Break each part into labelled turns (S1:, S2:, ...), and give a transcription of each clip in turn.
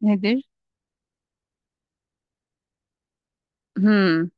S1: Nedir? Hmm,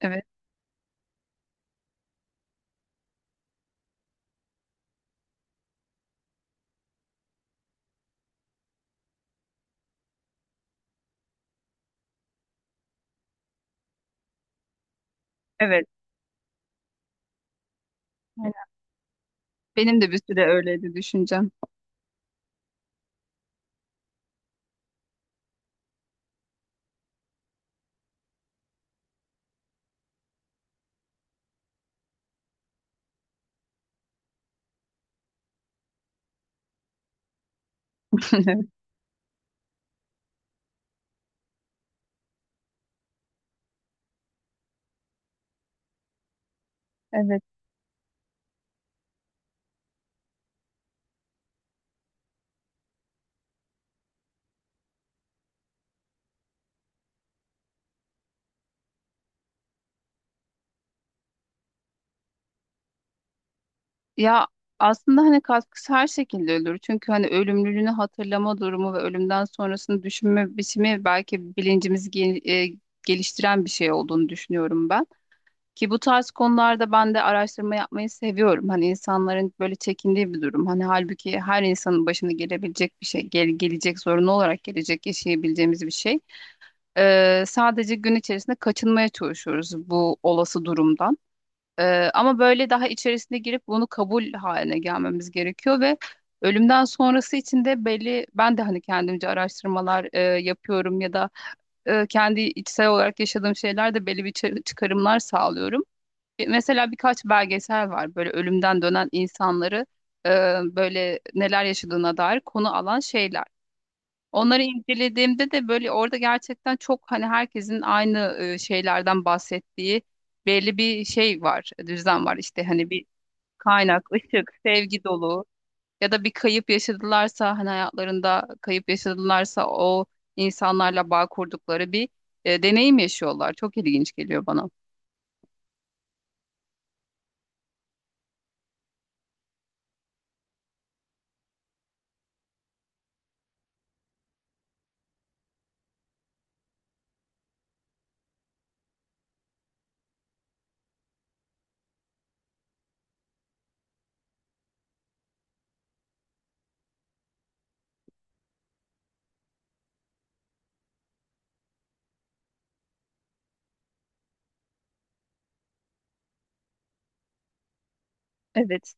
S1: evet, evet. Aynen. Benim de bir süre öyleydi düşüncem. Evet. Ya aslında hani katkısı her şekilde ölür. Çünkü hani ölümlülüğünü hatırlama durumu ve ölümden sonrasını düşünme biçimi belki bilincimizi geliştiren bir şey olduğunu düşünüyorum ben. Ki bu tarz konularda ben de araştırma yapmayı seviyorum. Hani insanların böyle çekindiği bir durum. Hani halbuki her insanın başına gelebilecek bir şey, gelecek zorunlu olarak gelecek yaşayabileceğimiz bir şey. Sadece gün içerisinde kaçınmaya çalışıyoruz bu olası durumdan. Ama böyle daha içerisine girip bunu kabul haline gelmemiz gerekiyor ve ölümden sonrası için de belli ben de hani kendimce araştırmalar yapıyorum ya da kendi içsel olarak yaşadığım şeylerde belli bir çıkarımlar sağlıyorum. Mesela birkaç belgesel var böyle ölümden dönen insanları e, böyle neler yaşadığına dair konu alan şeyler. Onları incelediğimde de böyle orada gerçekten çok hani herkesin aynı şeylerden bahsettiği belli bir şey var, düzlem var işte hani bir kaynak, ışık, sevgi dolu ya da bir kayıp yaşadılarsa hani hayatlarında kayıp yaşadılarsa o insanlarla bağ kurdukları bir deneyim yaşıyorlar. Çok ilginç geliyor bana. Evet.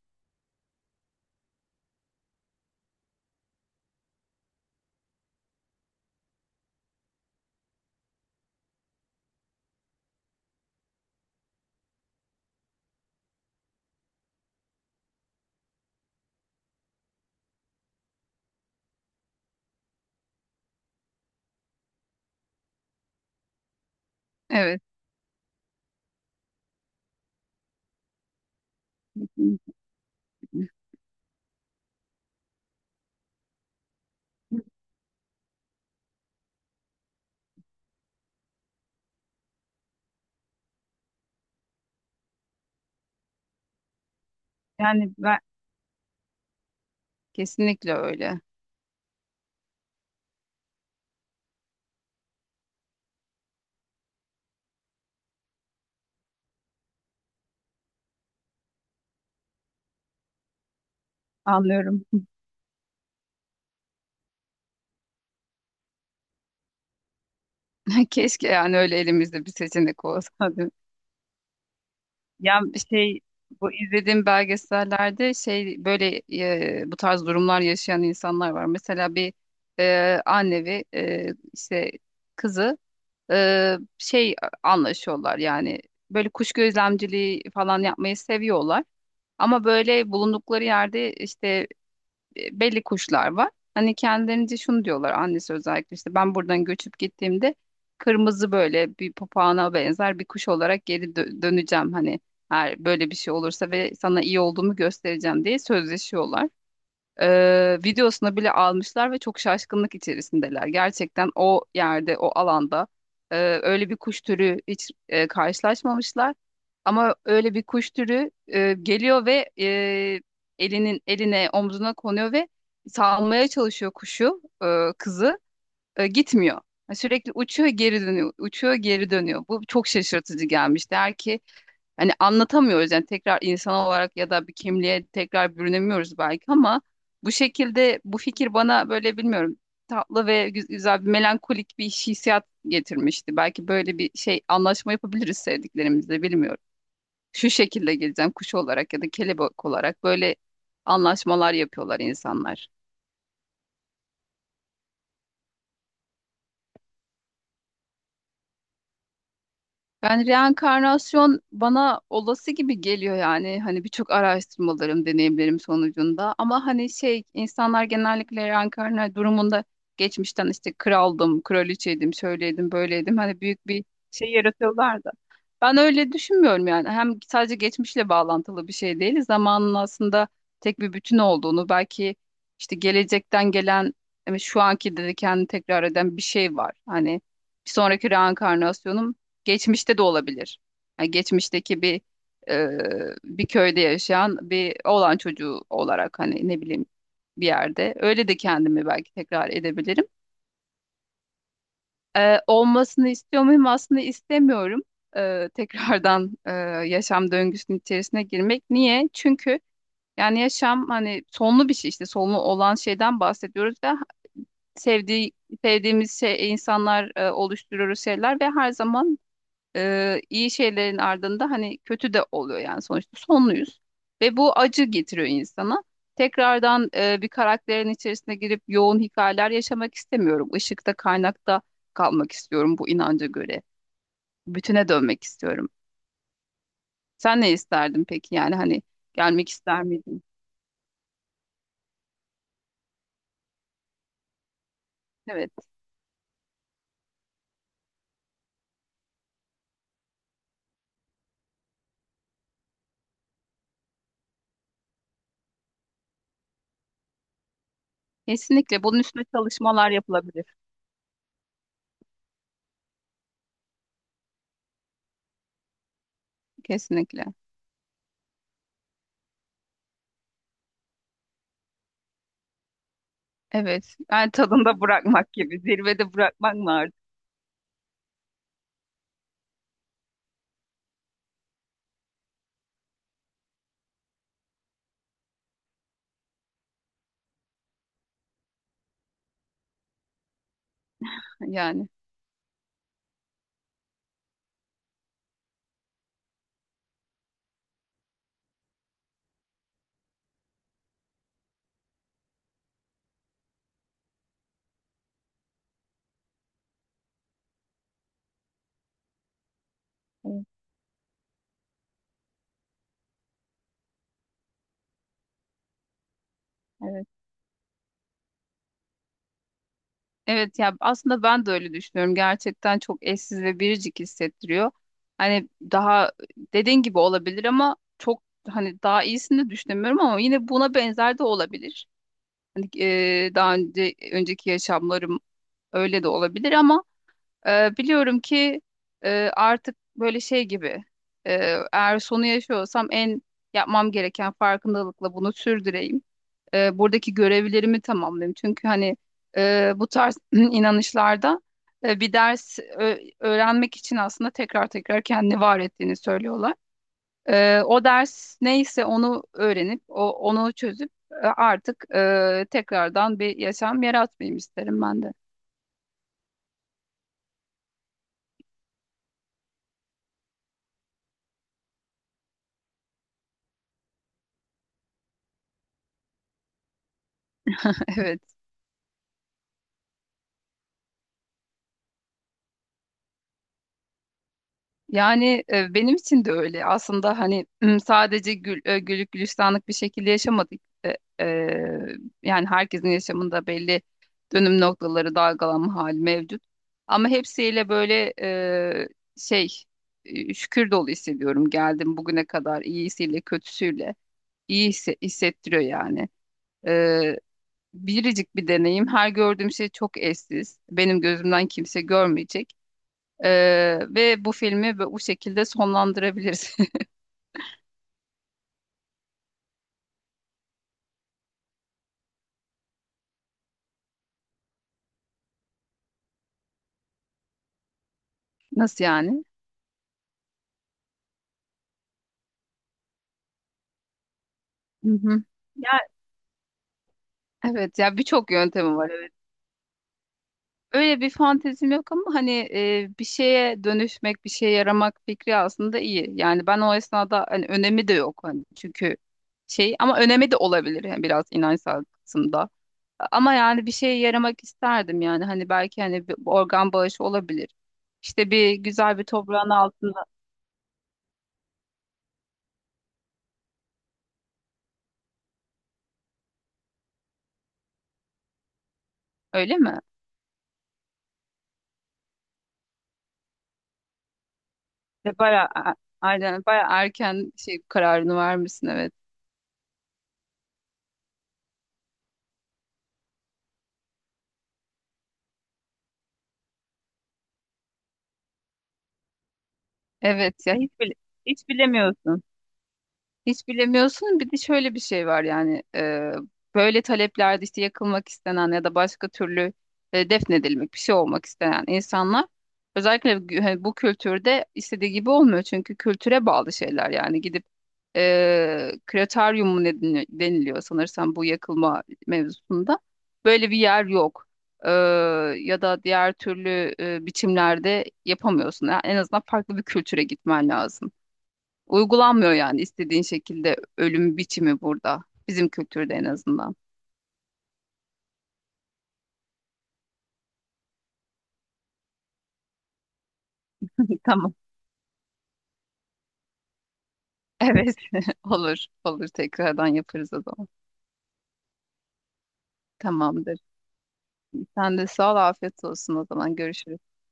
S1: Evet. Yani ben kesinlikle öyle. Anlıyorum. Keşke yani öyle elimizde bir seçenek olsa. Ya şey bu izlediğim belgesellerde şey böyle bu tarz durumlar yaşayan insanlar var. Mesela bir anne ve işte kızı şey anlaşıyorlar yani böyle kuş gözlemciliği falan yapmayı seviyorlar. Ama böyle bulundukları yerde işte belli kuşlar var. Hani kendilerince şunu diyorlar annesi özellikle işte ben buradan göçüp gittiğimde kırmızı böyle bir papağana benzer bir kuş olarak geri döneceğim hani eğer böyle bir şey olursa ve sana iyi olduğumu göstereceğim diye sözleşiyorlar videosunu bile almışlar ve çok şaşkınlık içerisindeler. Gerçekten o yerde, o alanda e, öyle bir kuş türü hiç karşılaşmamışlar. Ama öyle bir kuş türü geliyor ve elinin eline, omzuna konuyor ve salmaya çalışıyor kuşu, kızı. Gitmiyor. Yani sürekli uçuyor, geri dönüyor, uçuyor, geri dönüyor. Bu çok şaşırtıcı gelmişti. Der ki hani anlatamıyoruz yani tekrar insan olarak ya da bir kimliğe tekrar bürünemiyoruz belki ama bu şekilde bu fikir bana böyle bilmiyorum tatlı ve güzel bir melankolik bir hissiyat getirmişti. Belki böyle bir şey anlaşma yapabiliriz sevdiklerimizle bilmiyorum. Şu şekilde geleceğim kuş olarak ya da kelebek olarak böyle anlaşmalar yapıyorlar insanlar. Yani reenkarnasyon bana olası gibi geliyor yani hani birçok araştırmalarım, deneyimlerim sonucunda ama hani şey insanlar genellikle reenkarnasyon durumunda geçmişten işte kraldım, kraliçeydim, şöyleydim, böyleydim hani büyük bir şey yaratıyorlar da. Ben öyle düşünmüyorum yani hem sadece geçmişle bağlantılı bir şey değil zamanın aslında tek bir bütün olduğunu belki işte gelecekten gelen yani şu anki dedi kendini tekrar eden bir şey var hani bir sonraki reenkarnasyonum geçmişte de olabilir. Yani geçmişteki bir e, bir köyde yaşayan bir oğlan çocuğu olarak hani ne bileyim bir yerde. Öyle de kendimi belki tekrar edebilirim. Olmasını istiyor muyum? Aslında istemiyorum. Tekrardan yaşam döngüsünün içerisine girmek. Niye? Çünkü yani yaşam hani sonlu bir şey işte sonlu olan şeyden bahsediyoruz ve sevdiği sevdiğimiz şey insanlar oluşturuyoruz şeyler ve her zaman iyi şeylerin ardında hani kötü de oluyor yani sonuçta sonluyuz. Ve bu acı getiriyor insana. Tekrardan bir karakterin içerisine girip yoğun hikayeler yaşamak istemiyorum. Işıkta, kaynakta kalmak istiyorum bu inanca göre. Bütüne dönmek istiyorum. Sen ne isterdin peki? Yani hani gelmek ister miydin? Evet. Kesinlikle. Bunun üstüne çalışmalar yapılabilir. Kesinlikle. Evet. Yani tadında bırakmak gibi. Zirvede bırakmak mı artık? Yani. Evet. Evet. Evet ya aslında ben de öyle düşünüyorum. Gerçekten çok eşsiz ve biricik hissettiriyor. Hani daha dediğin gibi olabilir ama çok hani daha iyisini de düşünemiyorum ama yine buna benzer de olabilir. Hani daha önce önceki yaşamlarım öyle de olabilir ama biliyorum ki e, artık böyle şey gibi e, eğer sonu yaşıyorsam en yapmam gereken farkındalıkla bunu sürdüreyim buradaki görevlerimi tamamlayayım. Çünkü hani bu tarz inanışlarda bir ders öğrenmek için aslında tekrar tekrar kendini var ettiğini söylüyorlar. O ders neyse onu öğrenip onu çözüp artık tekrardan bir yaşam yaratmayayım isterim ben de. Evet. Yani benim için de öyle. Aslında hani sadece güllük gülistanlık bir şekilde yaşamadık. E, Yani herkesin yaşamında belli dönüm noktaları, dalgalanma hali mevcut. Ama hepsiyle böyle şey şükür dolu hissediyorum. Geldim bugüne kadar iyisiyle kötüsüyle hissettiriyor yani. E, Biricik bir deneyim. Her gördüğüm şey çok eşsiz. Benim gözümden kimse görmeyecek. Ve bu filmi bu şekilde sonlandırabiliriz. Nasıl yani? Hı hı. Ya evet ya birçok yöntemi var evet. Öyle bir fantezim yok ama hani bir şeye dönüşmek, bir şeye yaramak fikri aslında iyi. Yani ben o esnada hani önemi de yok hani çünkü şey ama önemi de olabilir yani biraz inançsal kısımda. Ama yani bir şeye yaramak isterdim yani hani belki hani bir organ bağışı olabilir. İşte bir güzel bir toprağın altında öyle mi? Ve bayağı aynen bayağı erken şey kararını vermişsin evet. Evet ya hiç bilemiyorsun. Hiç bilemiyorsun. Bir de şöyle bir şey var yani böyle taleplerde işte yakılmak istenen ya da başka türlü defnedilmek bir şey olmak istenen insanlar özellikle hani bu kültürde istediği gibi olmuyor. Çünkü kültüre bağlı şeyler yani gidip krematorium mu ne deniliyor sanırsam bu yakılma mevzusunda böyle bir yer yok. E, Ya da diğer türlü biçimlerde yapamıyorsun. Yani en azından farklı bir kültüre gitmen lazım. Uygulanmıyor yani istediğin şekilde ölüm biçimi burada. Bizim kültürde en azından. Tamam. Evet. Olur. Olur. Tekrardan yaparız o zaman. Tamamdır. Sen de sağ ol. Afiyet olsun o zaman. Görüşürüz.